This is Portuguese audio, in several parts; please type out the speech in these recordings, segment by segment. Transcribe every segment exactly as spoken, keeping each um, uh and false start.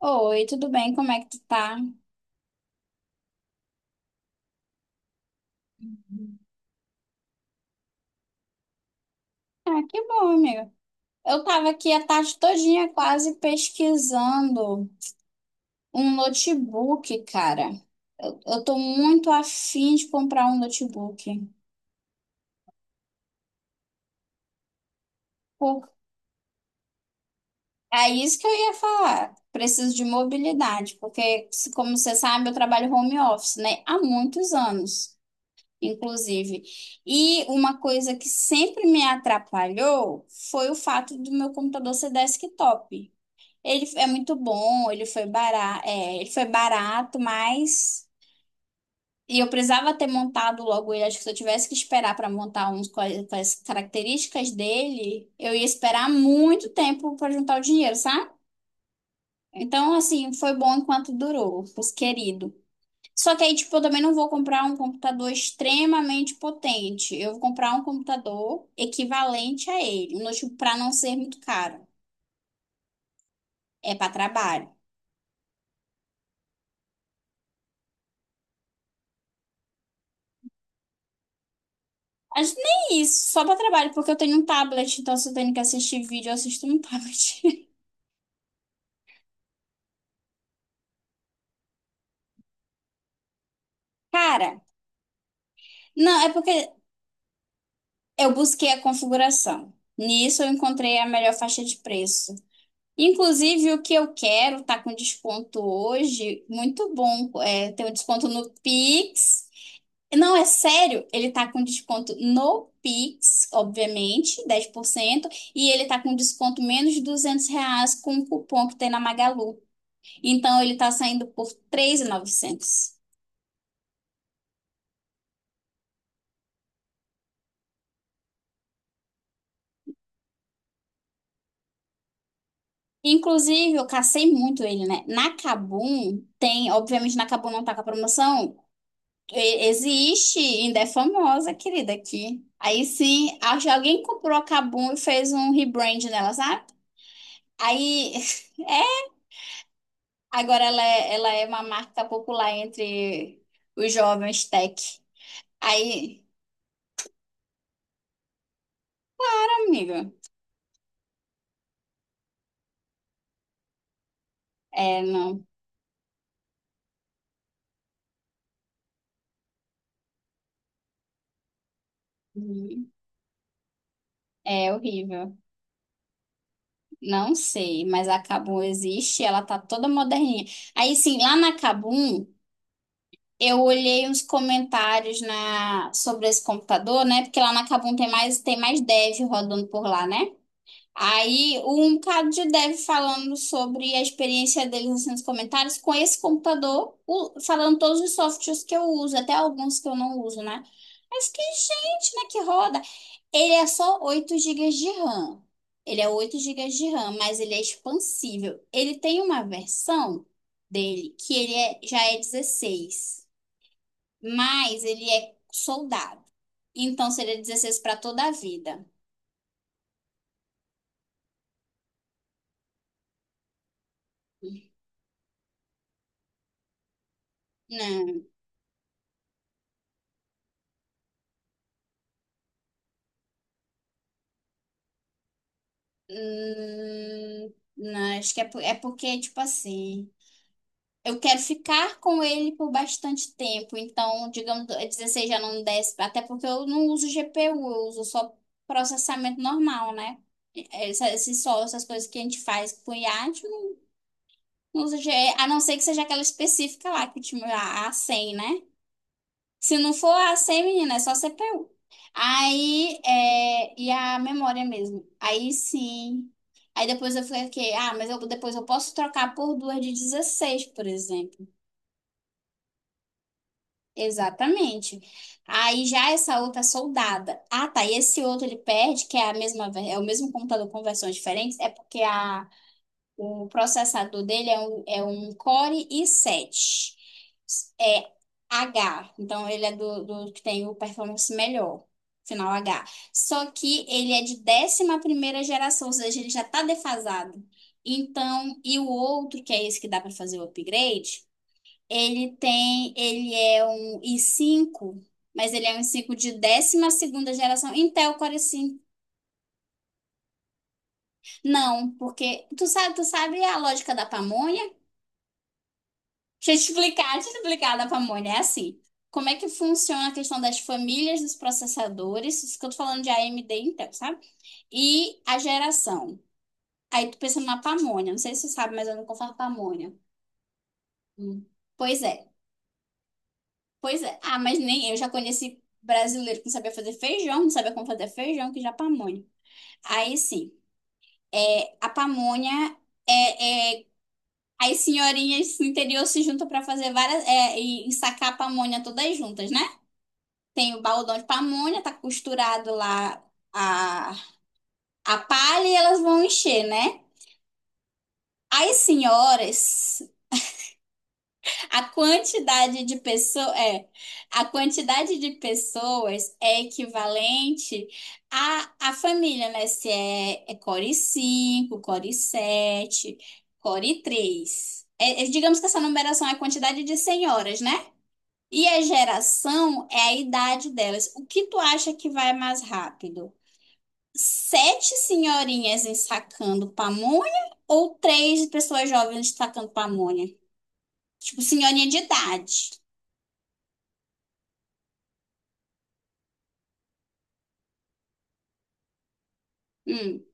Oi, tudo bem? Como é que tu tá? Ah, que bom, amiga. Eu tava aqui a tarde todinha quase pesquisando um notebook, cara. Eu, eu tô muito afim de comprar um notebook. Por- É isso que eu ia falar. Preciso de mobilidade, porque, se- como você sabe, eu trabalho home office, né? Há muitos anos, inclusive. E uma coisa que sempre me atrapalhou foi o fato do meu computador ser desktop. Ele é muito bom, ele foi barato, é, ele foi barato, mas e eu precisava ter montado logo ele. Acho que se eu tivesse que esperar para montar uns com a- com as características dele, eu ia esperar muito tempo para juntar o dinheiro, sabe? Então, assim, foi bom enquanto durou, os querido. Só que aí, tipo, eu também não vou comprar um computador extremamente potente. Eu vou comprar um computador equivalente a ele, um notebook para não ser muito caro. É para trabalho. Acho que nem isso, só pra trabalho, porque eu tenho um tablet, então se eu tenho que assistir vídeo, eu assisto no tablet. Cara, não, é porque eu busquei a configuração. Nisso eu encontrei a melhor faixa de preço. Inclusive, o que eu quero tá com desconto hoje, muito bom. É, tem um desconto no Pix. Não, é sério, ele tá com desconto no Pix, obviamente, dez por cento, e ele tá com desconto menos de duzentos reais com o cupom que tem na Magalu. Então ele tá saindo por três mil e novecentos. Inclusive, eu cacei muito ele, né? Na Kabum tem, obviamente na Kabum não tá com a promoção. E- Existe, ainda é famosa, querida, aqui. Aí sim, acho que alguém comprou a Kabum e fez um rebrand nela, sabe? Aí, é, agora ela é, ela é uma marca popular entre os jovens tech. Aí, amigo, é, não, é horrível. Não sei, mas a Kabum existe, ela tá toda moderninha. Aí, sim, lá na Kabum, eu olhei uns comentários na sobre esse computador, né? Porque lá na Kabum tem mais tem mais dev rodando por lá, né? Aí, um bocado de dev falando sobre a experiência deles assim, nos comentários com esse computador, o- falando todos os softwares que eu uso, até alguns que eu não uso, né? Aí eu fiquei, gente, né, que roda. Ele é só oito gigas de RAM. Ele é oito gigas de RAM, mas ele é expansível. Ele tem uma versão dele que ele é- já é dezesseis, mas ele é soldado. Então seria dezesseis para toda a vida. Não, hum, não, acho que é, por- é porque, tipo assim. Eu quero ficar com ele por bastante tempo. Então, digamos, a dezesseis já não desce, até porque eu não uso G P U, eu uso só processamento normal, né? Essa- Esses só, essas coisas que a gente faz com o I A, a a gente não usa G P U, a não ser que seja aquela específica lá, que tipo, a A100, né? Se não for a A100, menina, é só C P U. Aí, é, e a memória mesmo. Aí sim. Aí depois eu falei que, ah, mas eu, depois eu posso trocar por duas de dezesseis, por exemplo. Exatamente. Aí já essa outra é soldada. Ah, tá. E esse outro ele perde, que é a mesma, ver- é o mesmo computador com versões diferentes, é porque a, o processador dele é um, é um Core i sete. É H. Então ele é do, do que tem o performance melhor. Final H. Só que ele é de décima primeira geração, ou seja, ele já tá defasado. Então, e o outro, que é esse que dá para fazer o upgrade. Ele tem, ele é um i cinco, mas ele é um i cinco de décima segunda geração Intel Core cinco. Não, porque tu sabe, tu sabe a lógica da pamonha? Deixa eu te explicar, deixa eu te explicar da pamonha. É assim, como é que funciona a questão das famílias dos processadores, isso que eu tô falando de A M D e Intel, sabe? E a geração. Aí tu pensa numa pamonha, não sei se você sabe, mas eu não faço pamonha. Hum. Pois é, pois é. Ah, mas nem eu já conheci brasileiro que não sabia fazer feijão, não sabia como fazer feijão, que já pamonha. Aí sim, é, a pamonha é, é as senhorinhas do interior se juntam para fazer várias é, e sacar a pamonha todas juntas, né? Tem o baldão de pamonha, tá costurado lá a, a palha e elas vão encher, né? As senhoras A quantidade de pessoas é, a quantidade de pessoas é equivalente à, à família, né? Se é, é core cinco core sete core três. É, é, digamos que essa numeração é a quantidade de senhoras, né? E a geração é a idade delas. O que tu acha que vai mais rápido? Sete senhorinhas ensacando pamonha ou três pessoas jovens ensacando pamonha? Tipo, senhorinha de idade. Hum,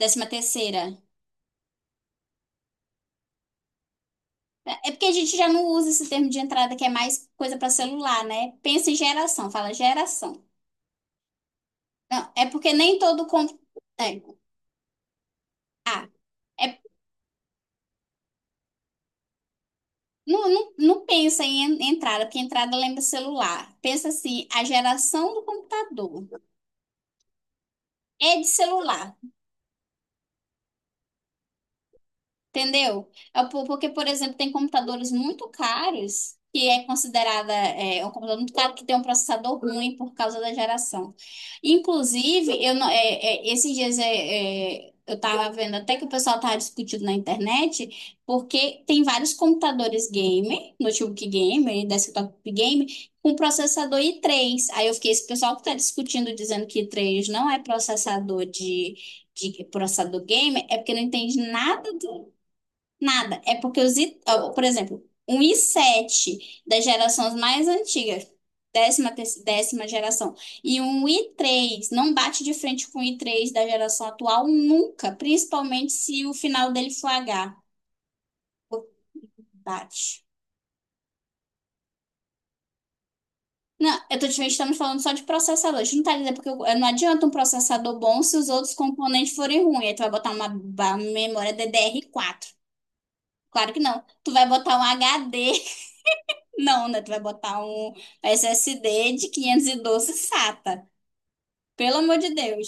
Décima terceira. É é porque a gente já não usa esse termo de entrada que é mais coisa para celular, né? Pensa em geração, fala geração. Não, é porque nem todo com... é, ah, é, não, não, não pensa em en- entrada, porque entrada lembra celular. Pensa assim, a geração do computador é de celular. Entendeu? É po- Porque, por exemplo, tem computadores muito caros que é considerada é, é um computador muito caro que tem um processador ruim por causa da geração. Inclusive, eu não, é, é, esses dias é, é, eu estava vendo até que o pessoal estava discutindo na internet, porque tem vários computadores gamer, notebook gamer, desktop gamer, com processador i três. Aí eu fiquei, esse pessoal que está discutindo, dizendo que i três não é processador de de processador gamer é porque não entende nada. Nada. É porque os, i- ó, por exemplo, um i sete das gerações mais antigas, décima, terce- décima geração, e um i três não bate de frente com o i três da geração atual nunca, principalmente se o final dele for H. Pô, bate. Não, eu tô te estamos falando só de processador. A gente não tá dizendo porque eu- não adianta um processador bom se os outros componentes forem ruins. Aí tu vai botar uma, ba- memória D D R quatro. Claro que não. Tu vai botar um H D. Não, né? Tu vai botar um S S D de quinhentos e doze SATA. Pelo amor de Deus.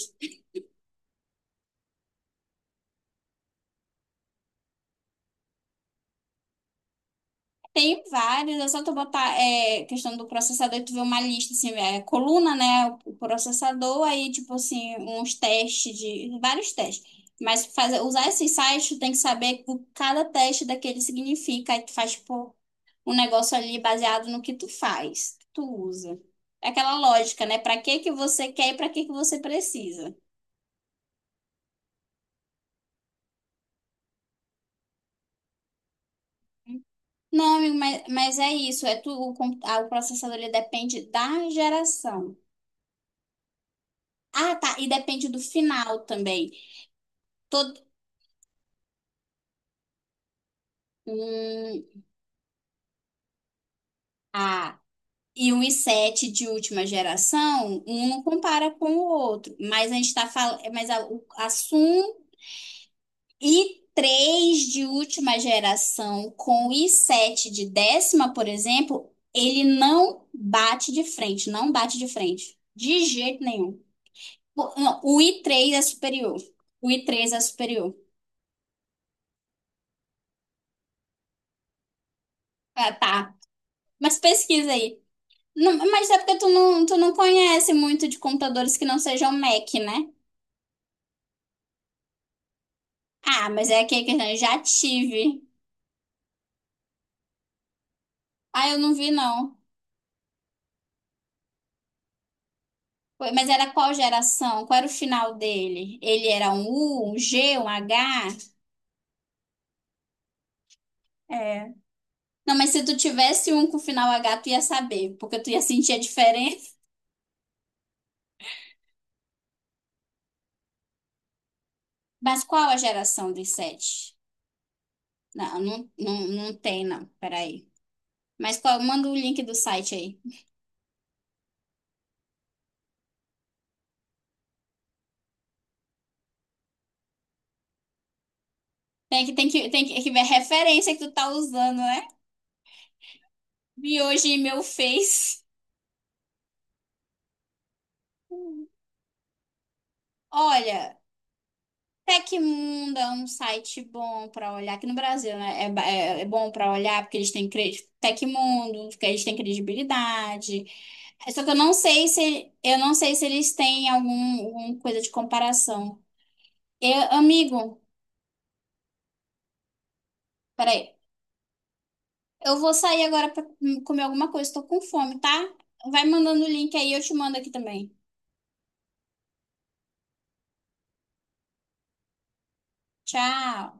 Tem vários, é só tu botar é, questão do processador, tu vê uma lista, assim, é, coluna, né? O processador, aí, tipo assim, uns testes de. Vários testes. Mas fazer, usar esses sites, tu tem que saber o que cada teste daquele significa. Aí tu faz, tipo, um negócio ali baseado no que tu faz, que tu usa. É aquela lógica, né? Pra que que você quer e pra que que você precisa. Não, amigo, mas, mas é isso. É tu, o, compu- ah, o processador ele depende da geração. Ah, tá. E depende do final também. Todo, um, ah, e o i sete de última geração, um não compara com o outro. Mas a gente está falando. Mas a, o, a Sun i três de última geração com o i sete de décima, por exemplo, ele não bate de frente. Não bate de frente. De jeito nenhum. O- Não, o i três é superior. O i três é superior. Ah, tá. Mas pesquisa aí. Não, mas é porque tu não, tu não conhece muito de computadores que não sejam Mac, né? Ah, mas é aquele que eu já tive. Ah, eu não vi, não. Foi- Mas era qual geração? Qual era o final dele? Ele era um U, um G, um H? É. Não, mas se tu tivesse um com final H, tu ia saber, porque tu ia sentir a diferença. Mas qual a geração dos sete? Não, não, não, não tem, não. Peraí. Mas qual, manda o link do site aí. Tem que, tem que, tem que, ver a referência que tu tá usando, né? Vi hoje meu Face. Olha, Tecmundo é um site bom para olhar aqui no Brasil, né? É, é, é bom para olhar porque eles têm cre- Tecmundo, porque eles têm credibilidade. É, Só que eu não sei se eu não sei se eles têm algum, alguma coisa de comparação. Eu, amigo, peraí. Eu vou sair agora para comer alguma coisa, tô com fome, tá? Vai mandando o link aí, eu te mando aqui também. Tchau!